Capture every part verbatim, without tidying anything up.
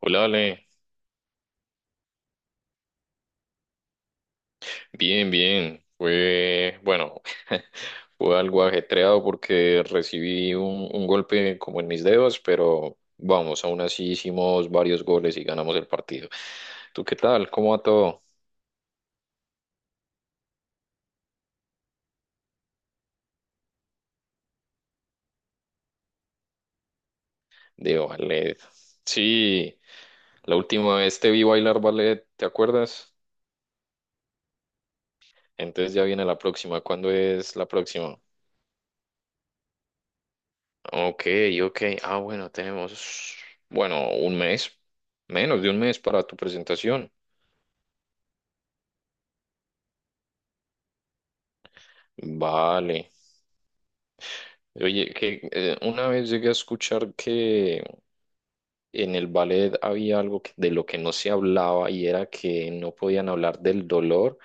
Hola, Ale. Bien, bien. Fue, bueno, fue algo ajetreado porque recibí un, un golpe como en mis dedos, pero vamos, aún así hicimos varios goles y ganamos el partido. ¿Tú qué tal? ¿Cómo va todo? De ballet. Sí, la última vez te vi bailar ballet, ¿te acuerdas? Entonces ya viene la próxima. ¿Cuándo es la próxima? Ok, ok. Ah, bueno, tenemos, bueno, un mes, menos de un mes para tu presentación. Vale. Oye, que eh, una vez llegué a escuchar que en el ballet había algo que- de lo que no se hablaba y era que no podían hablar del dolor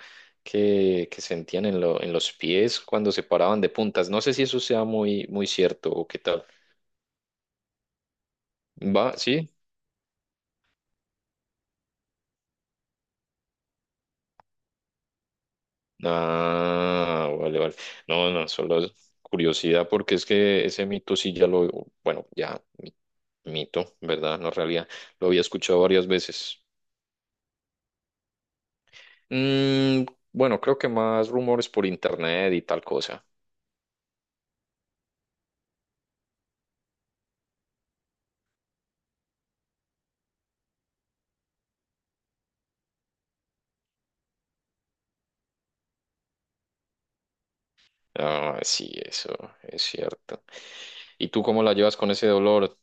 que, que sentían en, lo- en los pies cuando se paraban de puntas. No sé si eso sea muy, muy cierto o qué tal. ¿Va? ¿Sí? Ah, vale, vale. No, no, solo es curiosidad porque es que ese mito sí ya lo, bueno, ya mi- mito, ¿verdad? No realidad. Lo había escuchado varias veces. Mm, bueno, creo que más rumores por internet y tal cosa. Ah, sí, eso es cierto. ¿Y tú cómo la llevas con ese dolor?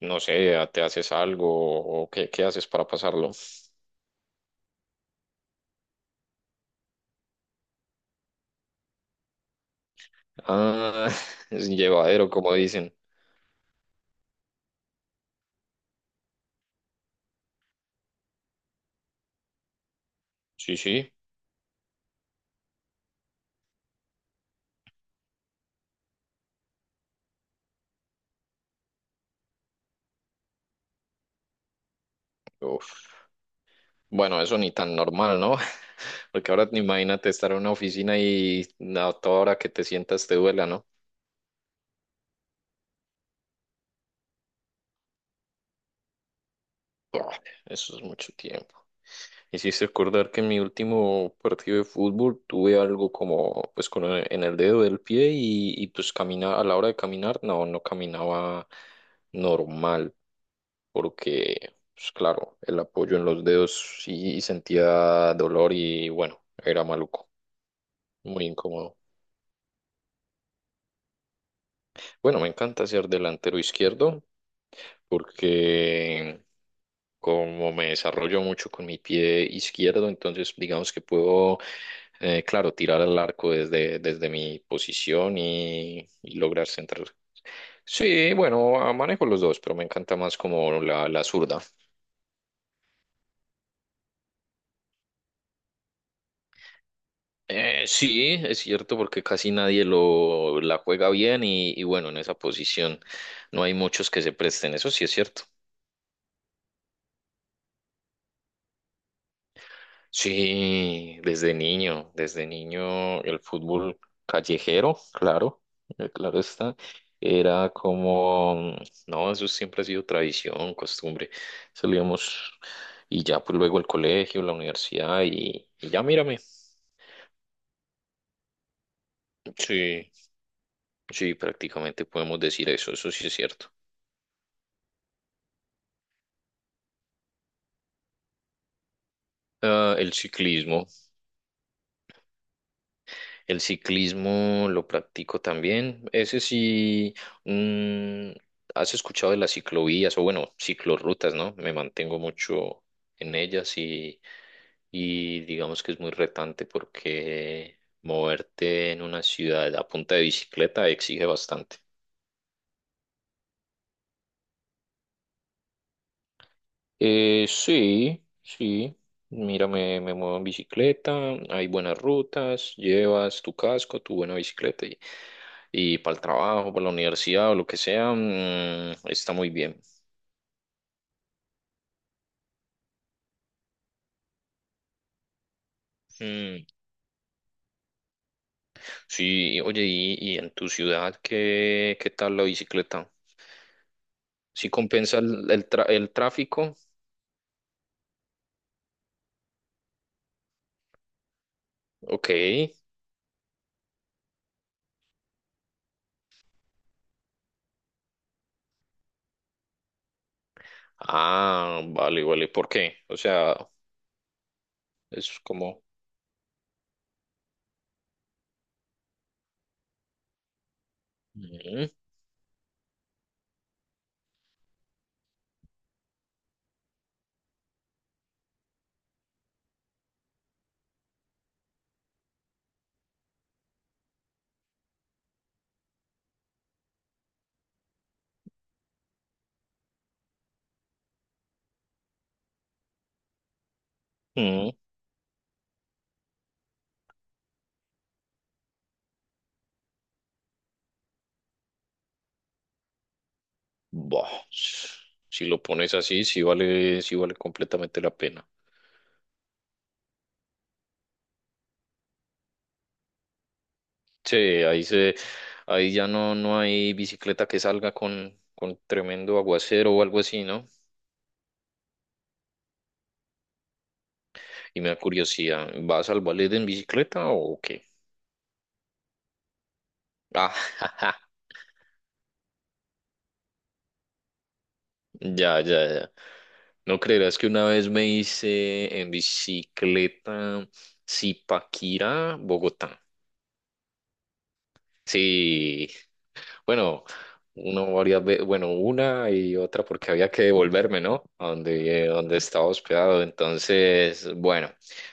No sé, ¿te haces algo o qué, qué haces para pasarlo? Ah, es llevadero, como dicen. Sí, sí. Uf. Bueno, eso ni tan normal, ¿no? Porque ahora imagínate estar en una oficina y a toda hora que te sientas te duela, ¿no? Vale, eso es mucho tiempo. Hiciste acordar que en mi último partido de fútbol tuve algo como, pues, con el- en el dedo del pie y, y pues camina, a la hora de caminar, no, no caminaba normal, porque, pues claro, el apoyo en los dedos sí sentía dolor y bueno, era maluco, muy incómodo. Bueno, me encanta ser delantero izquierdo porque como me desarrollo mucho con mi pie izquierdo, entonces digamos que puedo, eh, claro, tirar al arco desde, desde mi posición y, y lograr centrar. Sí, bueno, ah, manejo los dos, pero me encanta más como la, la zurda. Eh, sí, es cierto porque casi nadie lo la juega bien y, y bueno, en esa posición no hay muchos que se presten, eso sí es cierto. Sí, desde niño, desde niño el fútbol callejero, claro, eh, claro está, era como, mm, no, eso siempre ha sido tradición, costumbre, salíamos y ya pues luego el colegio, la universidad y, y ya mírame. Sí, sí, prácticamente podemos decir eso, eso sí es cierto. Ah, el ciclismo. El ciclismo lo practico también. Ese sí, mm, ¿has escuchado de las ciclovías o bueno, ciclorrutas, ¿no? Me mantengo mucho en ellas y, y digamos que es muy retante porque moverte en una ciudad a punta de bicicleta exige bastante. Eh, sí, sí. Mira, me, me muevo en bicicleta, hay buenas rutas, llevas tu casco, tu buena bicicleta y, y para el trabajo, para la universidad o lo que sea, mm, está muy bien. Mm, sí, oye, y, y en tu ciudad qué, ¿qué tal la bicicleta? ¿Sí compensa el, el, tra- el tráfico? Ok. Ah, vale, vale. ¿Por qué? O sea, es como... Mm, mm. Buah, si lo pones así, sí vale, sí vale completamente la pena. Sí, ahí se, ahí ya no, no hay bicicleta que salga con, con tremendo aguacero o algo así, ¿no? Y me da curiosidad, ¿vas al ballet en bicicleta o qué? Ah, ya, ya, ya. No creerás que una vez me hice en bicicleta Zipaquirá, Bogotá. Sí, bueno, uno varias veces, bueno, una y otra porque había que devolverme, ¿no? A donde, eh, donde estaba hospedado. Entonces, bueno,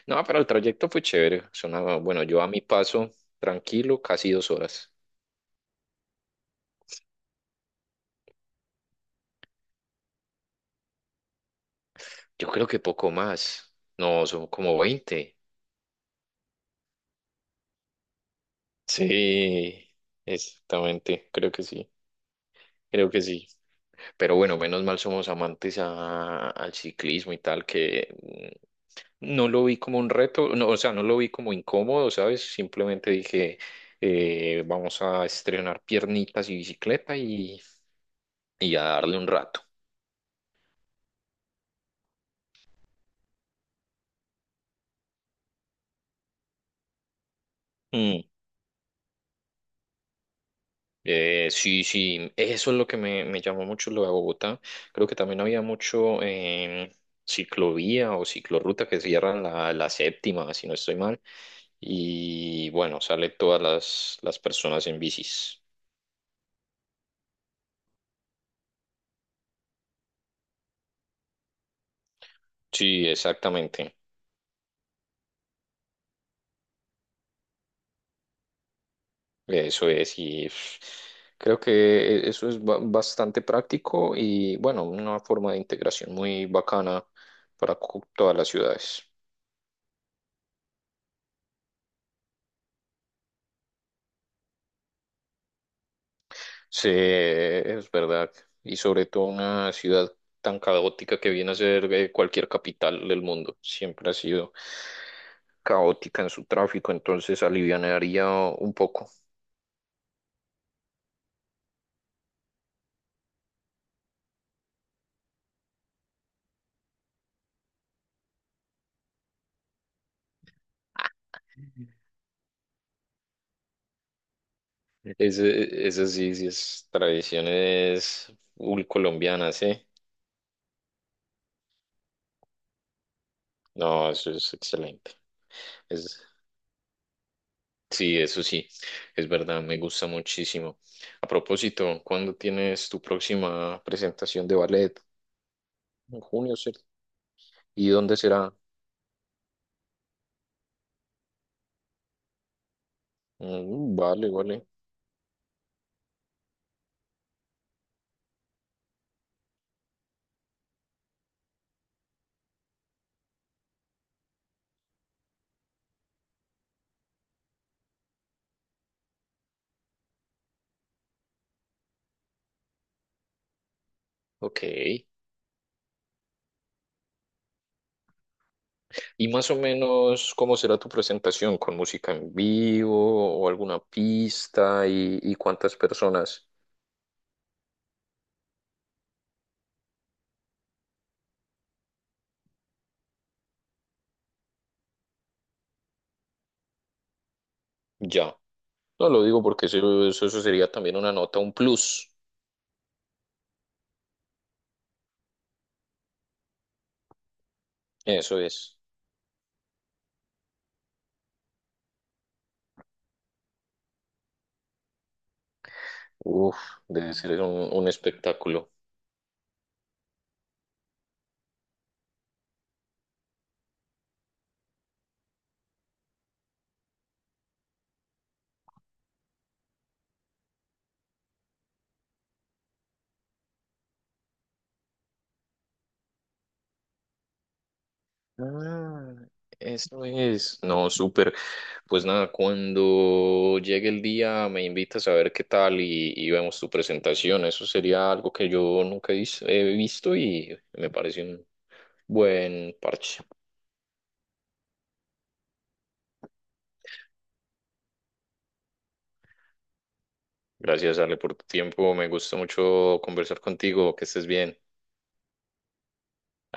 no, pero el trayecto fue chévere. Sonaba, bueno, yo a mi paso, tranquilo, casi dos horas. Yo creo que poco más. No, son como veinte. Sí, exactamente, creo que sí, creo que sí. Pero bueno, menos mal somos amantes a- al ciclismo y tal, que no lo vi como un reto, no, o sea, no lo vi como incómodo, ¿sabes? Simplemente dije, eh, vamos a estrenar piernitas y bicicleta y, y a darle un rato. Mm, eh, sí, sí, eso es lo que me, me llamó mucho lo de Bogotá. Creo que también había mucho eh, ciclovía o ciclorruta que cierran la, la séptima, si no estoy mal. Y bueno, sale todas las, las personas en bicis. Sí, exactamente. Eso es, y pff, creo que eso es ba- bastante práctico y bueno, una forma de integración muy bacana para cu- todas las ciudades. Sí, es verdad, y sobre todo una ciudad tan caótica que viene a ser eh, cualquier capital del mundo, siempre ha sido caótica en su tráfico, entonces alivianaría un poco. Ese, eso sí, sí es tradiciones ul- colombianas, ¿eh? No, eso es excelente. Es, sí, eso sí, es verdad, me gusta muchísimo. A propósito, ¿cuándo tienes tu próxima presentación de ballet? En junio, ¿cierto? ¿Y dónde será? Mm, vale, vale. Ok. ¿Y más o menos cómo será tu presentación? ¿Con música en vivo o alguna pista? ¿Y, y cuántas personas? Ya. No lo digo porque eso, eso, eso sería también una nota, un plus. Eso es. Uf, debe ser un, un espectáculo. Ah, eso es. No, súper. Pues nada, cuando llegue el día me invitas a ver qué tal y, y vemos tu presentación. Eso sería algo que yo nunca he vis- he visto y me parece un buen parche. Gracias, Ale, por tu tiempo. Me gustó mucho conversar contigo. Que estés bien.